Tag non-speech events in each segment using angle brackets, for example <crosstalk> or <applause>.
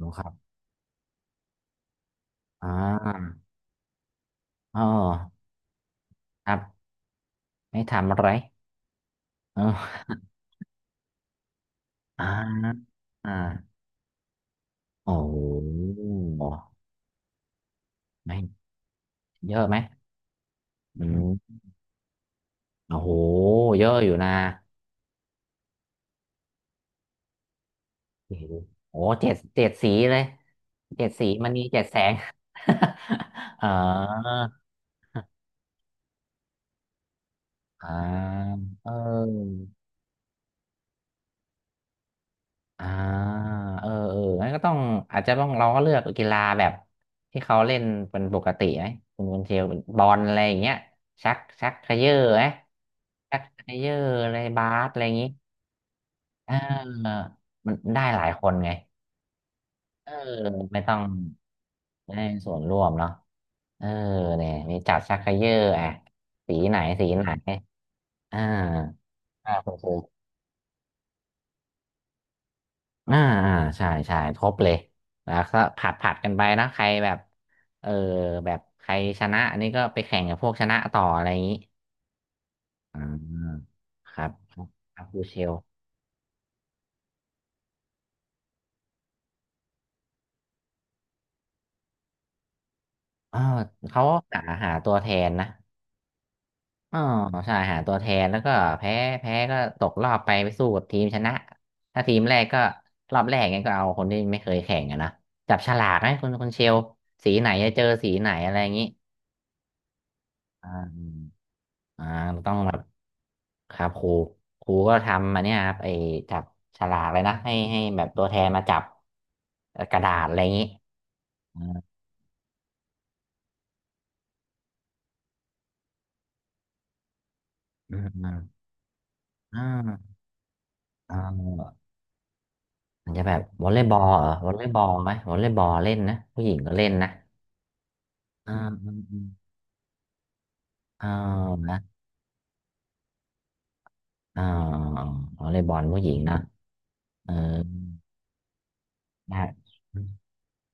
รู้ครับอ่าอ๋อครับ ไม่ทำอะไรเอออ่าอ่า โอ้โหไม่เยอะไหมอืมโอ้โหเยอะอยู่นะโอ้โหโอ้เจ็ดสีเลย เจ็ดสี มันมีเจ็ดแสง <laughs> เอออ่าเออ อ่าเอองั้นก็ต้องอาจจะต้องเราก็เลือกกีฬาแบบที่เขาเล่นเป็นปกติไหมคุณเชลเป็นบอลอะไรอย่างเงี้ยชักเขย่อไหมชักเขย่ออะไรบาสอะไรอย่างงี้เออมันได้หลายคนไงเออไม่ต้องได้ส่วนร่วมเนาะเออเนี่ยมีจัดชักเขย่ออ่ะสีไหนอ่าอ่าคุณเชล อ่าอ่าใช่ครบเลยแล้วก็ผัดกันไปนะใครแบบเออแบบใครชนะอันนี้ก็ไปแข่งกับพวกชนะต่ออะไรอย่างนี้อ่าครับครับครับบูเชลออเขาหาตัวแทนนะอ๋อใช่หาตัวแทนแล้วก็แพ้แพ้ก็ตกรอบไปไปสู้กับทีมชนะถ้าทีมแรกก็รอบแรกงั้นก็เอาคนที่ไม่เคยแข่งอะนะจับฉลากให้คนเชลสีไหนจะเจอสีไหนอะไรอย่างนี้อ่า อ่าต้องแบบครับครูก็ทำมาเนี่ยครับไอ้จับฉลากเลยนะให้แบบตัวแทนมาจับกระดาษอะไรอย่างนี้อ่าอืมอืมอ่าอ่ามันจะแบบวอลเลย์บอลเหรอวอลเลย์บอลไหมวอลเลย์บอลเล่นนะผู้หญิงก็เล่นนะอ่าอืมอืมอ่านะอ่าวอลเลย์บอลผู้หญิงนะเออได้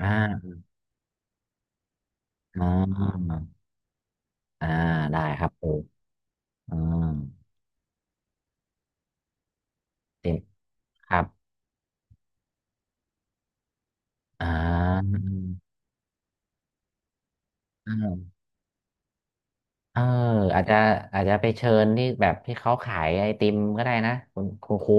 อ่าอ่าอ่าได้ครับครูอ่าเต็มครับอ่า เออเอออาจจะอาจจะไปเชิญที่แบบที่เขาขายไอติมก็ได้นะคุณครู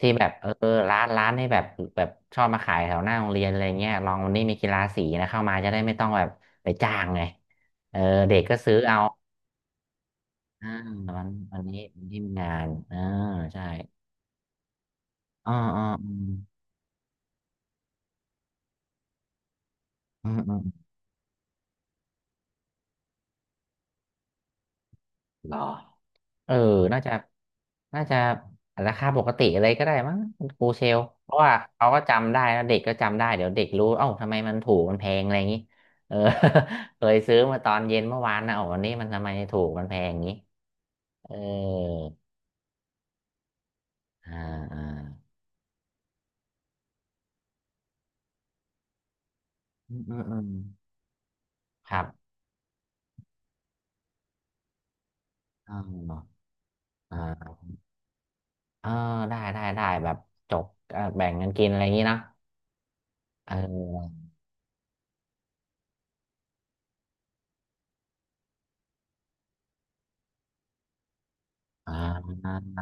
ที่แบบเออร้านที่แบบแบบชอบมาขายแถวหน้าโรงเรียนอะไรเงี้ยลองวันนี้มีกีฬาสีนะเข้ามาจะได้ไม่ต้องแบบไปจ้างไงเออเด็กก็ซื้อเอาอ่าวันนี้วันที่มีงานอ่าใช่อ๋ออ๋ออืมอืมอืมเหรอ เออน่าจะน่าจะราคาปกติอะไรก็ได้มั้งคุณครูเชลเพราะว่าเขาก็จำได้นะเด็กก็จำได้เดี๋ยวเด็กรู้เอ้าทำไมมันถูกมันแพงอะไรอย่างนี้เออ <laughs> เคยซื้อมาตอนเย็นเมื่อวานนะโอ้วันนี้มันทำไมถูกมันแพงอย่างนี้เอออ่าอ่าอืมอืมอืมครับอ่าอ่าเออได้ได้ได้แบบจกแบ่งกันกินอะไรอย่างนี้เนอะเอออ่าได้เ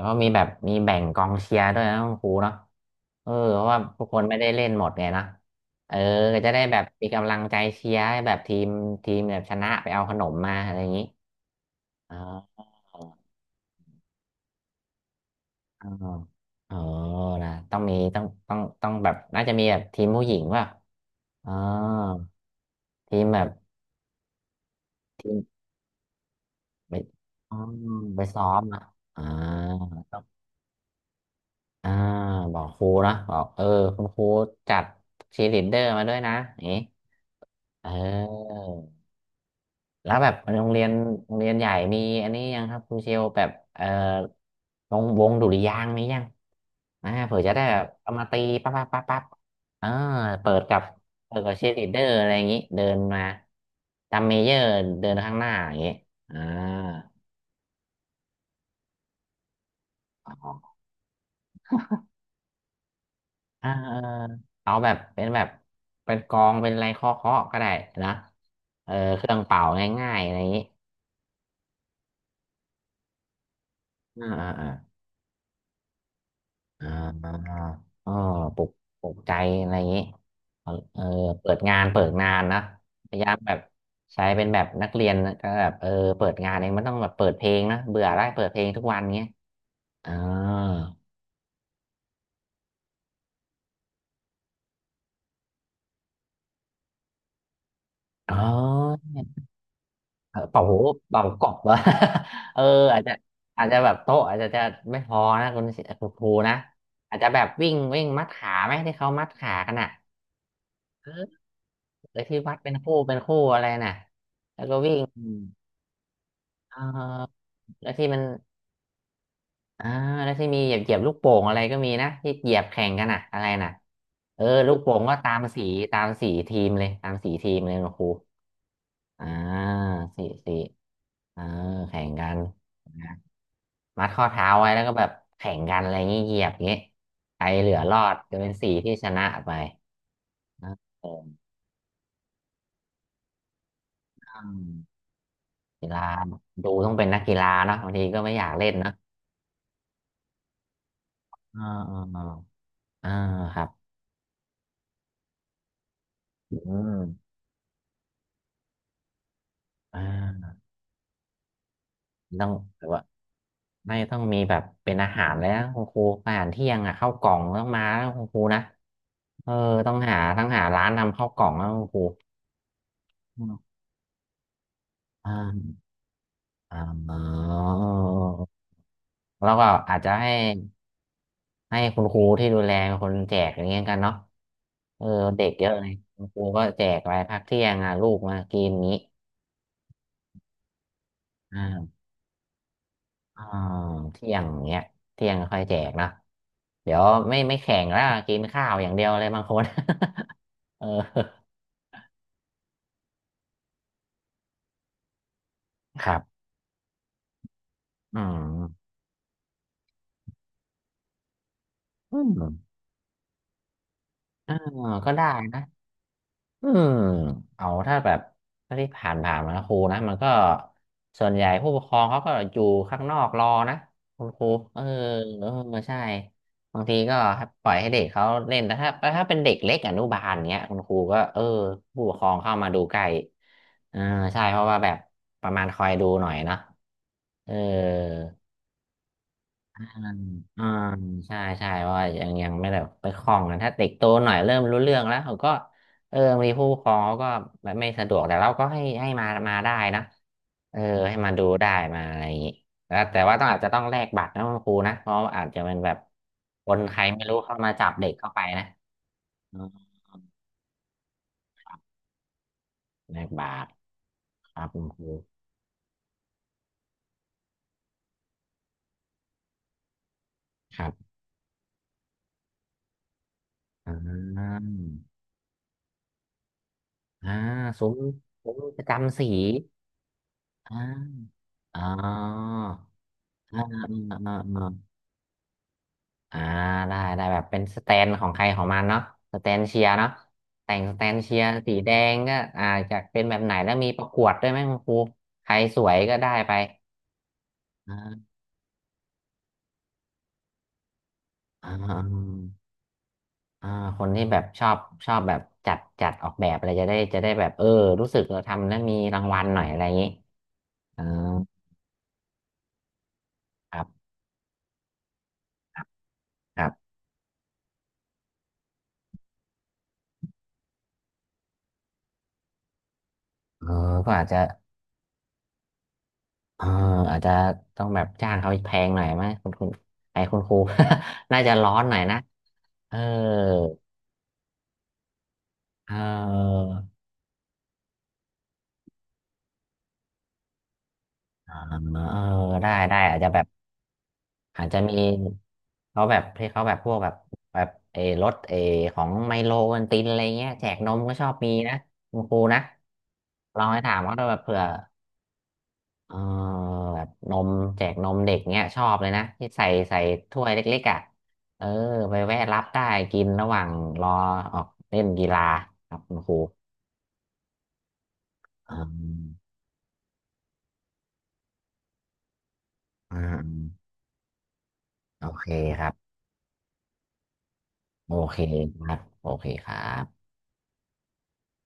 พราะมีแบบมีแบ่งกองเชียร์ด้วยนะคุณครูเนาะ เออเพราะว่าทุกคนไม่ได้เล่นหมดไงนะเออก็จะได้แบบมีกำลังใจเชียร์ให้แบบทีมทีมแบบชนะไปเอาขนมมาอะไรอย่างนี้อ๋ออ๋ออ๋อนะต้องมีต้องแบบน่าจะมีแบบทีมผู้หญิงว่าอ๋อทีมแบบทีมไปอ๋อไปซ้อมนะอ่าต้องอ่าบอกครูนะบอกเออคุณครูจัดชีลิดเดอร์มาด้วยนะอย่างนี้เออ แล้วแบบโรงเรียนโรงเรียนใหญ่มีอันนี้ยังครับคุณเชลแบบเอ่อวงดุริยางค์มียังอ่าเผื่อจะได้แบบเอามาตีปั๊บเออเปิดกับเปิดกับเชียร์ลีดเดอร์อะไรอย่างงี้เดินมาตามเมเยอร์เดินข้างหน้าอย่างงี้อ่าอ๋ออ่าเออเอาแบบเป็นแบบเป็นกองเป็นอะไรเคาะๆก็ได้นะเออเครื่องเป่าง่ายๆอะไรอย่างงี้อ่าอ่า อ่าอ๋อปลุกปลุกใจอะไรอย่างนี้เอาเออเปิดงานนะพยายามแบบใช้เป็นแบบนักเรียนก็แบบเออเปิดงานเองมันต้องแบบเปิดเพลงนะเบื่อได้เปิดเพลงทุกวันเงี้ยอ่าอ๋อเออเป่าหูเป่ากบวะ <laughs> เอออาจจะอาจจะแบบโต๊ะอาจจะไม่พอนะคุณครูนะอาจจะแบบวิ่งวิ่งมัดขาไหมที่เขามัดขากันอ่ะเออเลยที่วัดเป็นคู่อะไรน่ะแล้วก็วิ่ง เออแล้วที่มันอ่าแล้วที่มีเหยียบลูกโป่งอะไรก็มีนะที่เหยียบแข่งกันอ่ะอะไรน่ะเออลูกโป่งก็ตามสีตามสีทีมเลยตามสีทีมเลยนะครู อ่าสีเออแข่งกันนะมัดข้อเท้าไว้แล้วก็แบบแข่งกันอะไรงี้เหยียบอย่างงี้ใครเหลือรอดจะเป็นสีที่ชนะไปนะเอออืมกีฬาดูต้องเป็นนักกีฬาเนาะบางทีก็ไม่อยากเล่นเนาะอ่าอ่าอ่าอ่าครับอืมอ่า ต้องแบบว่าไม่ต้องมีแบบเป็นอาหารเลยนะคุณครูอาหารเที่ยงอ่ะข้าวกล่องต้องมาแล้วคุณครูนะเออต้องหาร้านทำข้าวกล่องแล้วคุณครูอืมอ่าอ่าอ๋อแล้วก็อาจจะให้คุณครูที่ดูแลเป็นคนแจกอย่างเงี้ยกันเนาะเออเด็กเยอะเลยคุณครูก็แจกไปพักเที่ยงอ่ะลูกมากินนี้อ่าี้ อ่าเที่ยงเงี้ยเที่ยงค่อยแจกนะเดี๋ยวไม่แข่งแล้วกินข้าวอย่างเดียวเลยบางคน <laughs> เออครับอืมอืมอ่าก็ได้นะ อืมเอาถ้าแบบถ้าที่ผ่านมานะครูนะมันก็ส่วนใหญ่ผู้ปกครองเขาก็อยู่ข้างนอกรอนะคุณครูเออเออใช่บางทีก็ปล่อยให้เด็กเขาเล่นแต่ถ้าเป็นเด็กเล็กอนุบาลเนี้ยคุณครูก็เออผู้ปกครองเข้ามาดูใกล้เออใช่เพราะว่าแบบประมาณคอยดูหน่อยเนาะเออ อืมอืมใช่ใช่ว่ายังไม่แบบไปคล่องกันถ้าเด็กโตหน่อยเริ่มรู้เรื่องแล้วเขาก็เออมีผู้ปกครองเขาก็แบบไม่สะดวกแต่เราก็ให้มาได้นะเออให้มาดูได้มาอะไรอย่างงี้แล้วแต่ว่าต้องอาจจะต้องแลกบัตรนะคุณครูนะเพราะอาจจะเป็นแบบคนใครไม่รู้เข้ามาจับเด็กเข้าไปนะอืมแลกบัตรครับคุณครูครับอ่าอ่าซุ้มซุ้มประจำสีอ่าอ๋ออ่าอ่าอ่า อ่าได้ได้แบบเป็นสแตนของใครของมันเนาะสแตนเชียร์เนาะแต่งสแตนเชียร์สีแดงก็อ่าจะเป็นแบบไหนแล้วมีประกวดด้วยไหมคุณครูใครสวยก็ได้ไปอ่าอ่าอ่าอ่าคนที่แบบชอบชอบแบบจัดออกแบบอะไรจะได้แบบเออรู้สึกเราทำแล้วมีรางวัลหน่อยอะไรอย่างนี้อ่าครับครับเออก็อาจจะเอออาจจะต้องแบบจ้างเขาแพงหน่อยไหมคุณไอ้คุณครู <laughs> น่าจะร้อนหน่อยนะเออ เอออ่าเออได้ได้อาจจะแบบอาจจะมีเขาแบบที่เขาแบบพวกแบบแบบเออรถเออของไมโลวันตินอะไรเงี้ยแจกนมก็ชอบมีนะคุณครูนะลองไปถามเขาดูแบบเผื่อเออแบบนมแจกนมเด็กเงี้ยชอบเลยนะที่ใส่ถ้วยเล็กๆอ่ะเออไปแวะรับได้กินระหว่างรอออกเล่นกีฬาครับคุณครูอืมอืมโอเคครับโอเคครับโอเคครับ